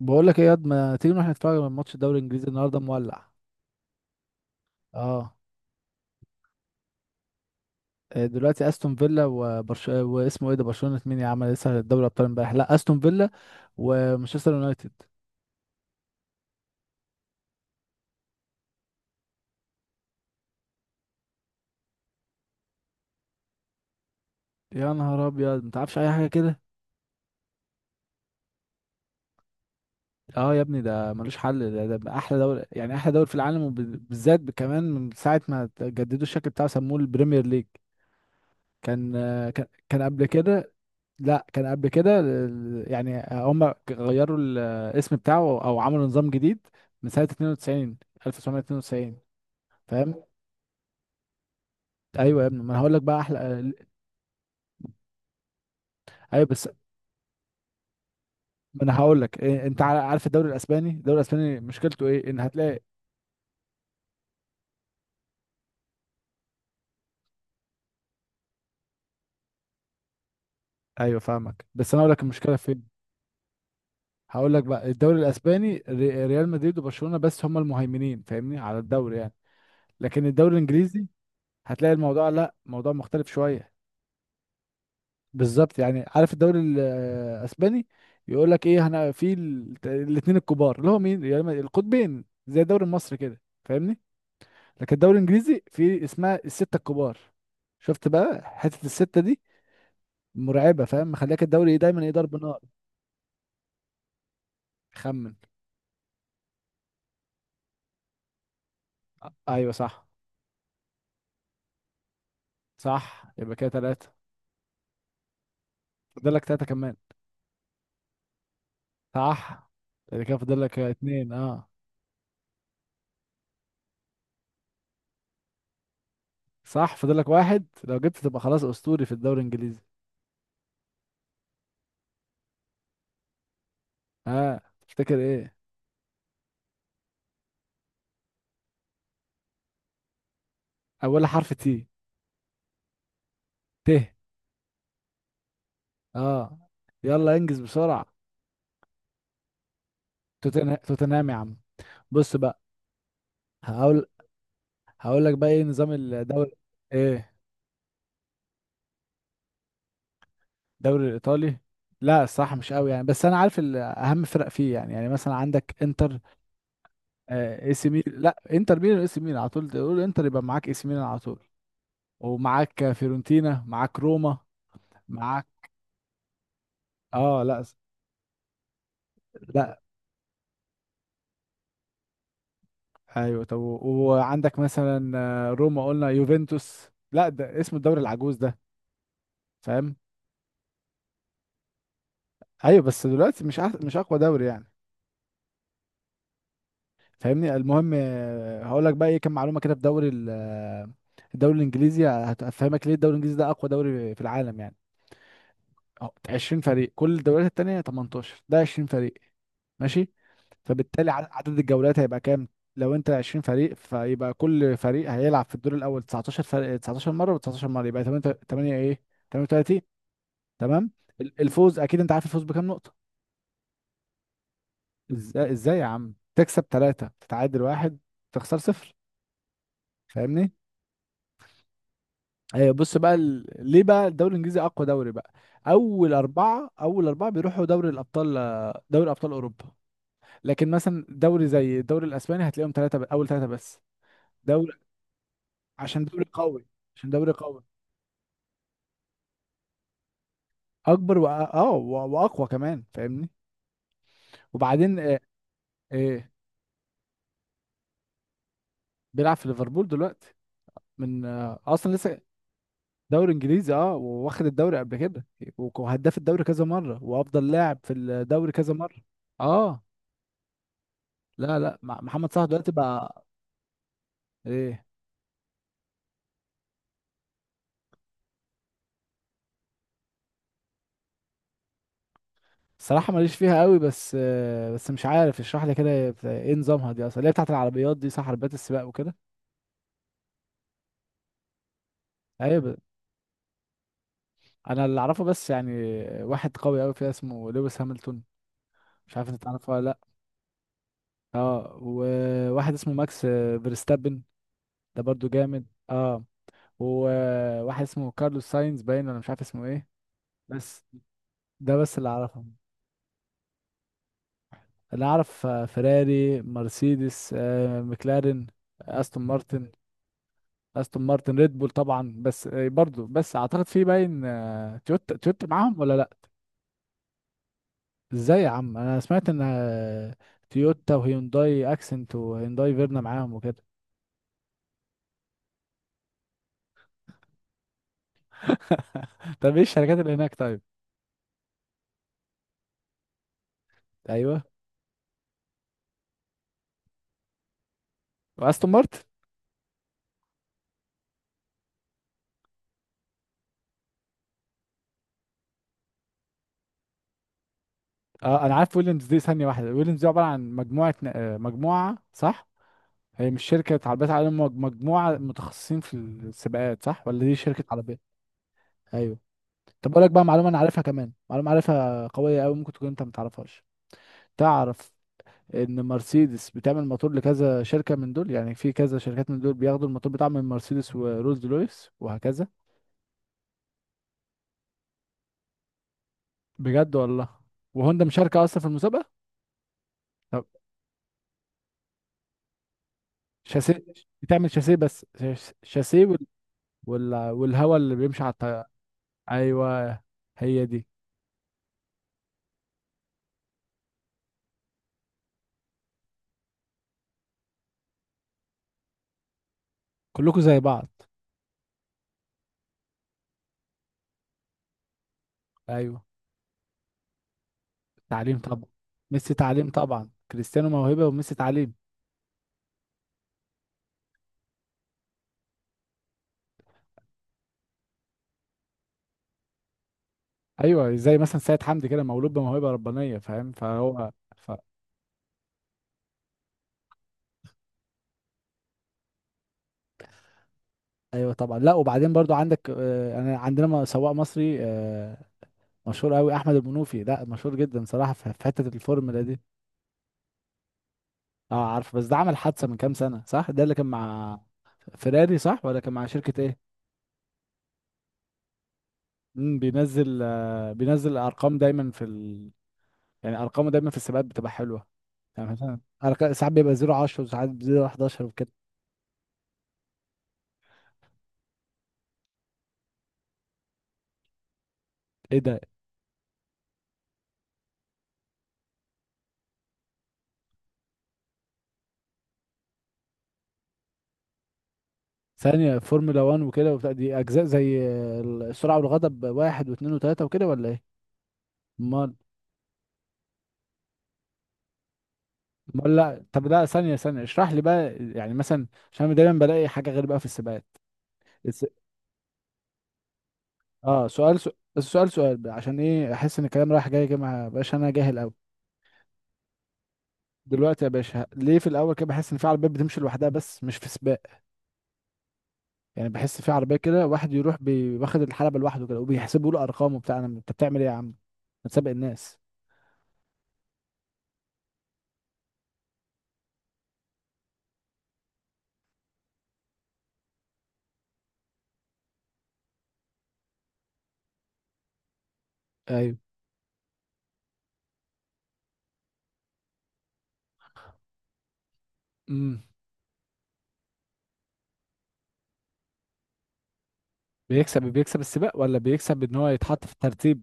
بقول لك ايه يا واد، ما تيجي نروح نتفرج على ماتش الدوري الانجليزي النهارده مولع. اه. دلوقتي استون فيلا واسمه ايه ده؟ برشلونة مين يا عم؟ لسه دوري ابطال امبارح. لا، استون فيلا ومانشستر يونايتد. يا نهار ابيض، ما تعرفش اي حاجه كده؟ اه يا ابني، ده ملوش حل ده احلى دوري. يعني احلى دوري في العالم، وبالذات كمان من ساعه ما جددوا الشكل بتاعه، سموه البريمير ليج. كان قبل كده. لا كان قبل كده، يعني هم غيروا الاسم بتاعه، او عملوا نظام جديد، من سنة 92، 1992. فاهم؟ ايوه يا ابني، ما انا هقول لك بقى احلى. ايوه بس ما انا هقول لك إيه. انت عارف الدوري الاسباني مشكلته ايه؟ ان هتلاقي. ايوه فاهمك، بس انا هقول لك المشكله فين. هقول لك بقى، الدوري الاسباني، ريال مدريد وبرشلونه بس هم المهيمنين، فاهمني، على الدوري يعني. لكن الدوري الانجليزي هتلاقي الموضوع، لا، موضوع مختلف شويه. بالظبط، يعني عارف الدوري الاسباني يقول لك ايه؟ هنا في الاثنين الكبار، اللي هو مين؟ يعني القطبين زي الدوري المصري كده، فاهمني. لكن الدوري الانجليزي في اسمها الستة الكبار. شفت بقى حتة الستة دي؟ مرعبة، فاهم، مخليك الدوري دايما ايه؟ ضرب نار. خمن. ايوه صح. صح، يبقى كده ثلاثة. فاضل لك ثلاثة كمان. صح، يبقى كده فاضل لك اثنين. اه صح، فاضل لك واحد. لو جبت تبقى خلاص اسطوري في الدوري الانجليزي. ها، اه. تفتكر ايه؟ اولها حرف تي. ت. اه، يلا انجز بسرعة. توتنهام يا عم. بص بقى. هقول هقول لك بقى ايه نظام الدوري. ايه الدوري الايطالي؟ لا الصراحة مش قوي يعني، بس انا عارف اهم فرق فيه يعني مثلا عندك انتر، اي سي ميلان. لا، انتر ميلان اي سي ميلان. على طول تقول انتر يبقى معاك اي سي ميلان على طول. ومعاك فيورنتينا، معاك روما، معاك. اه لا لا. ايوه طب وعندك مثلا روما، قلنا يوفنتوس. لا ده اسم الدوري العجوز ده، فاهم. ايوه بس دلوقتي مش اقوى دوري يعني، فاهمني. المهم، هقول لك بقى ايه كام معلومه كده في دوري الدوري الانجليزي، هتفهمك ليه الدوري الانجليزي ده اقوى دوري في العالم يعني. اهو 20 فريق، كل الدوريات التانية 18، ده 20 فريق. ماشي، فبالتالي عدد الجولات هيبقى كام؟ لو انت 20 فريق، فيبقى كل فريق هيلعب في الدور الاول 19 فريق، 19 مره، و19 مره يبقى 8. 8 ايه؟ 38. تمام. الفوز، اكيد انت عارف الفوز بكام نقطه. ازاي يا عم؟ تكسب 3، تتعادل 1، تخسر 0. فاهمني. بص بقى، ليه بقى الدوري الانجليزي اقوى دوري بقى. اول اربعة بيروحوا دوري الابطال، دوري ابطال اوروبا. لكن مثلا دوري زي الدوري الاسباني هتلاقيهم اول ثلاثة بس. دوري عشان دوري قوي، عشان دوري قوي اكبر واقوى كمان، فاهمني. وبعدين، آه، بيلعب في ليفربول دلوقتي. من آه، اصلا لسه. دوري انجليزي اه، واخد الدوري قبل كده، وهداف الدوري كذا مره، وافضل لاعب في الدوري كذا مره. اه. لا لا محمد صلاح دلوقتي بقى. ايه. الصراحه ماليش فيها قوي، بس مش عارف اشرح لي كده، هي ايه نظامها دي اصلا، اللي هي بتاعت العربيات دي صح؟ عربيات السباق وكده. ايوه انا اللي اعرفه بس يعني، واحد قوي قوي فيها اسمه لويس هامilton. مش عارف انت تعرفه ولا لا. اه، وواحد اسمه ماكس فيرستابن، ده برضو جامد اه. وواحد اسمه كارلوس ساينز باين، ولا مش عارف اسمه ايه. بس ده بس اللي اعرفه. اللي اعرف فيراري، مرسيدس، مكلارين، استون مارتن استون مارتن، ريد بول طبعا. بس برضو بس اعتقد في باين، تويوتا معاهم ولا لا. ازاي يا عم، انا سمعت ان تويوتا وهيونداي اكسنت وهيونداي فيرنا معاهم وكده. طب ايه الشركات اللي هناك طيب؟ ايوه، واستون مارتن اه. انا عارف ويليامز دي. ثانيه واحده، ويليامز دي عباره عن مجموعه مجموعه، صح؟ هي مش شركة عربيات عالم، مجموعة متخصصين في السباقات صح، ولا دي شركة عربية؟ ايوه. طب اقول لك بقى معلومة انا عارفها، كمان معلومة عارفها قوية قوي، ممكن تكون انت ما تعرفهاش. تعرف ان مرسيدس بتعمل موتور لكذا شركة من دول، يعني في كذا شركات من دول بياخدوا الموتور بتاعهم من مرسيدس، ورولز رويس، وهكذا. بجد والله. وهوندا مشاركة اصلا في المسابقة. طب. شاسيه. بتعمل شاسيه بس، شاسيه والهواء اللي بيمشي على الطيارة. ايوه. هي دي. كلكم زي بعض. ايوه. تعليم طبعا. ميسي تعليم طبعا، كريستيانو موهبة وميسي تعليم. ايوه، زي مثلا سيد حمدي كده، مولود بموهبة ربانية فاهم، فهو ايوه طبعا. لا، وبعدين برضو عندك، انا عندنا سواق مصري مشهور قوي احمد المنوفي. لا مشهور جدا صراحة، في حتة الفورمولا دي. اه عارف. بس ده عمل حادثة من كام سنة، صح؟ ده اللي كان مع فيراري صح، ولا كان مع شركة ايه؟ بينزل ارقام دايما في يعني ارقامه دايما في السباقات بتبقى حلوة. يعني مثلا ساعات بيبقى 0 10، وساعات 0 11، وكده. ايه ده. ثانية، فورمولا 1 وكده وبتاع، دي اجزاء زي السرعة والغضب واحد واثنين وثلاثة وكده، ولا ايه؟ امال. امال لا، طب لا، ثانية ثانية اشرح لي بقى يعني مثلا. عشان أنا دايما بلاقي حاجة غير بقى في السباقات. الس... اه، سؤال سؤال السؤال سؤال بقى، عشان ايه احس ان الكلام رايح جاي كده، ما بقاش انا جاهل قوي. دلوقتي يا باشا، ليه في الاول كده بحس ان في عربيات بتمشي لوحدها بس مش في سباق؟ يعني بحس في عربية كده واحد يروح واخد الحلبة لوحده كده، وبيحسبوا له ارقام وبتاع. انت بتعمل ايه يا عم؟ ما تسابق الناس. ايوه. مم. بيكسب السباق، ولا بيكسب ان هو يتحط في الترتيب؟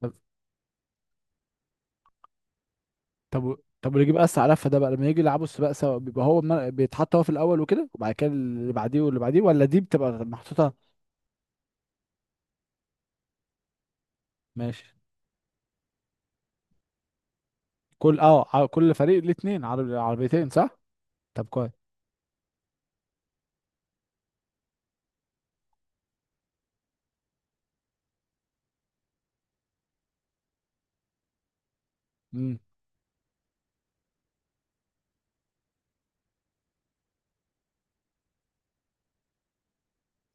طب. طب طب واللي يجيب اسرع لفه ده بقى، لما يجي يلعبوا السباق سوا، بيبقى هو بيتحط هو في الاول وكده، وبعد كده اللي بعديه واللي بعديه، ولا دي بتبقى محطوطه؟ ماشي. كل فريق ليه اتنين عربيتين صح؟ طب كويس. امم.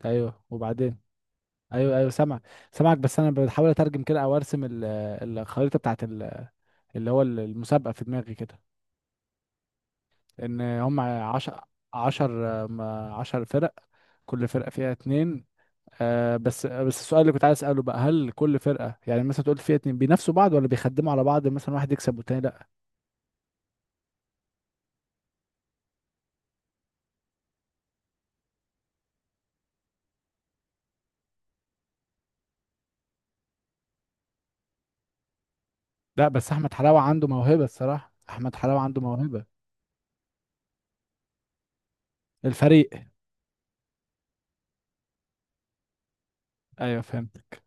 ايوه. وبعدين. ايوه ايوه سامع. سامعك بس انا بحاول اترجم كده، او ارسم الخريطه بتاعت اللي هو المسابقه في دماغي كده. ان هم 10. 10. عشر فرق، كل فرقة فيها اتنين. بس السؤال اللي كنت عايز اساله بقى، هل كل فرقه، يعني مثلا تقول فيها اتنين، بينافسوا بعض ولا بيخدموا على بعض مثلا واحد يكسب والتاني لا؟ لا بس احمد حلاوه عنده موهبه. الصراحه، احمد حلاوه عنده موهبه. الفريق. ايوه فهمت.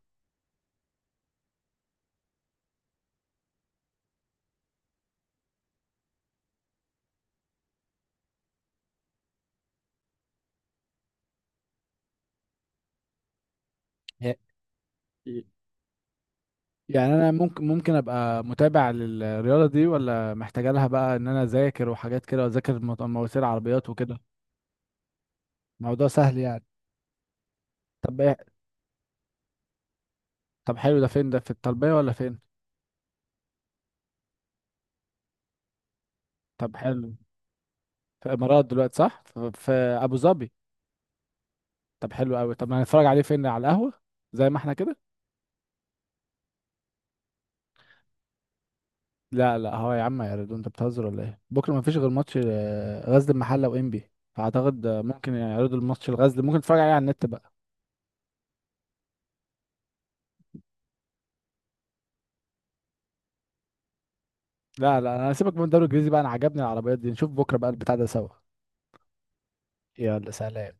ي- يعني انا ممكن ابقى متابع للرياضه دي، ولا محتاجه لها بقى ان انا اذاكر وحاجات كده، واذاكر مواسير عربيات وكده؟ موضوع سهل يعني. طب ايه. طب حلو، ده فين ده، في الطلبيه ولا فين؟ طب حلو. في الامارات دلوقتي صح؟ في ابو ظبي. طب حلو قوي. طب ما هنتفرج عليه فين، على القهوة زي ما احنا كده؟ لا لا، هو يا عم يا ريدو، انت بتهزر ولا ايه؟ بكره ما فيش غير ماتش غزل المحله وانبي، فاعتقد ممكن يعرضوا الماتش الغزل، ممكن تتفرج عليه على النت بقى. لا لا، انا هسيبك من الدوري الانجليزي بقى. انا عجبني العربيات دي، نشوف بكره بقى البتاع ده سوا. يلا سلام.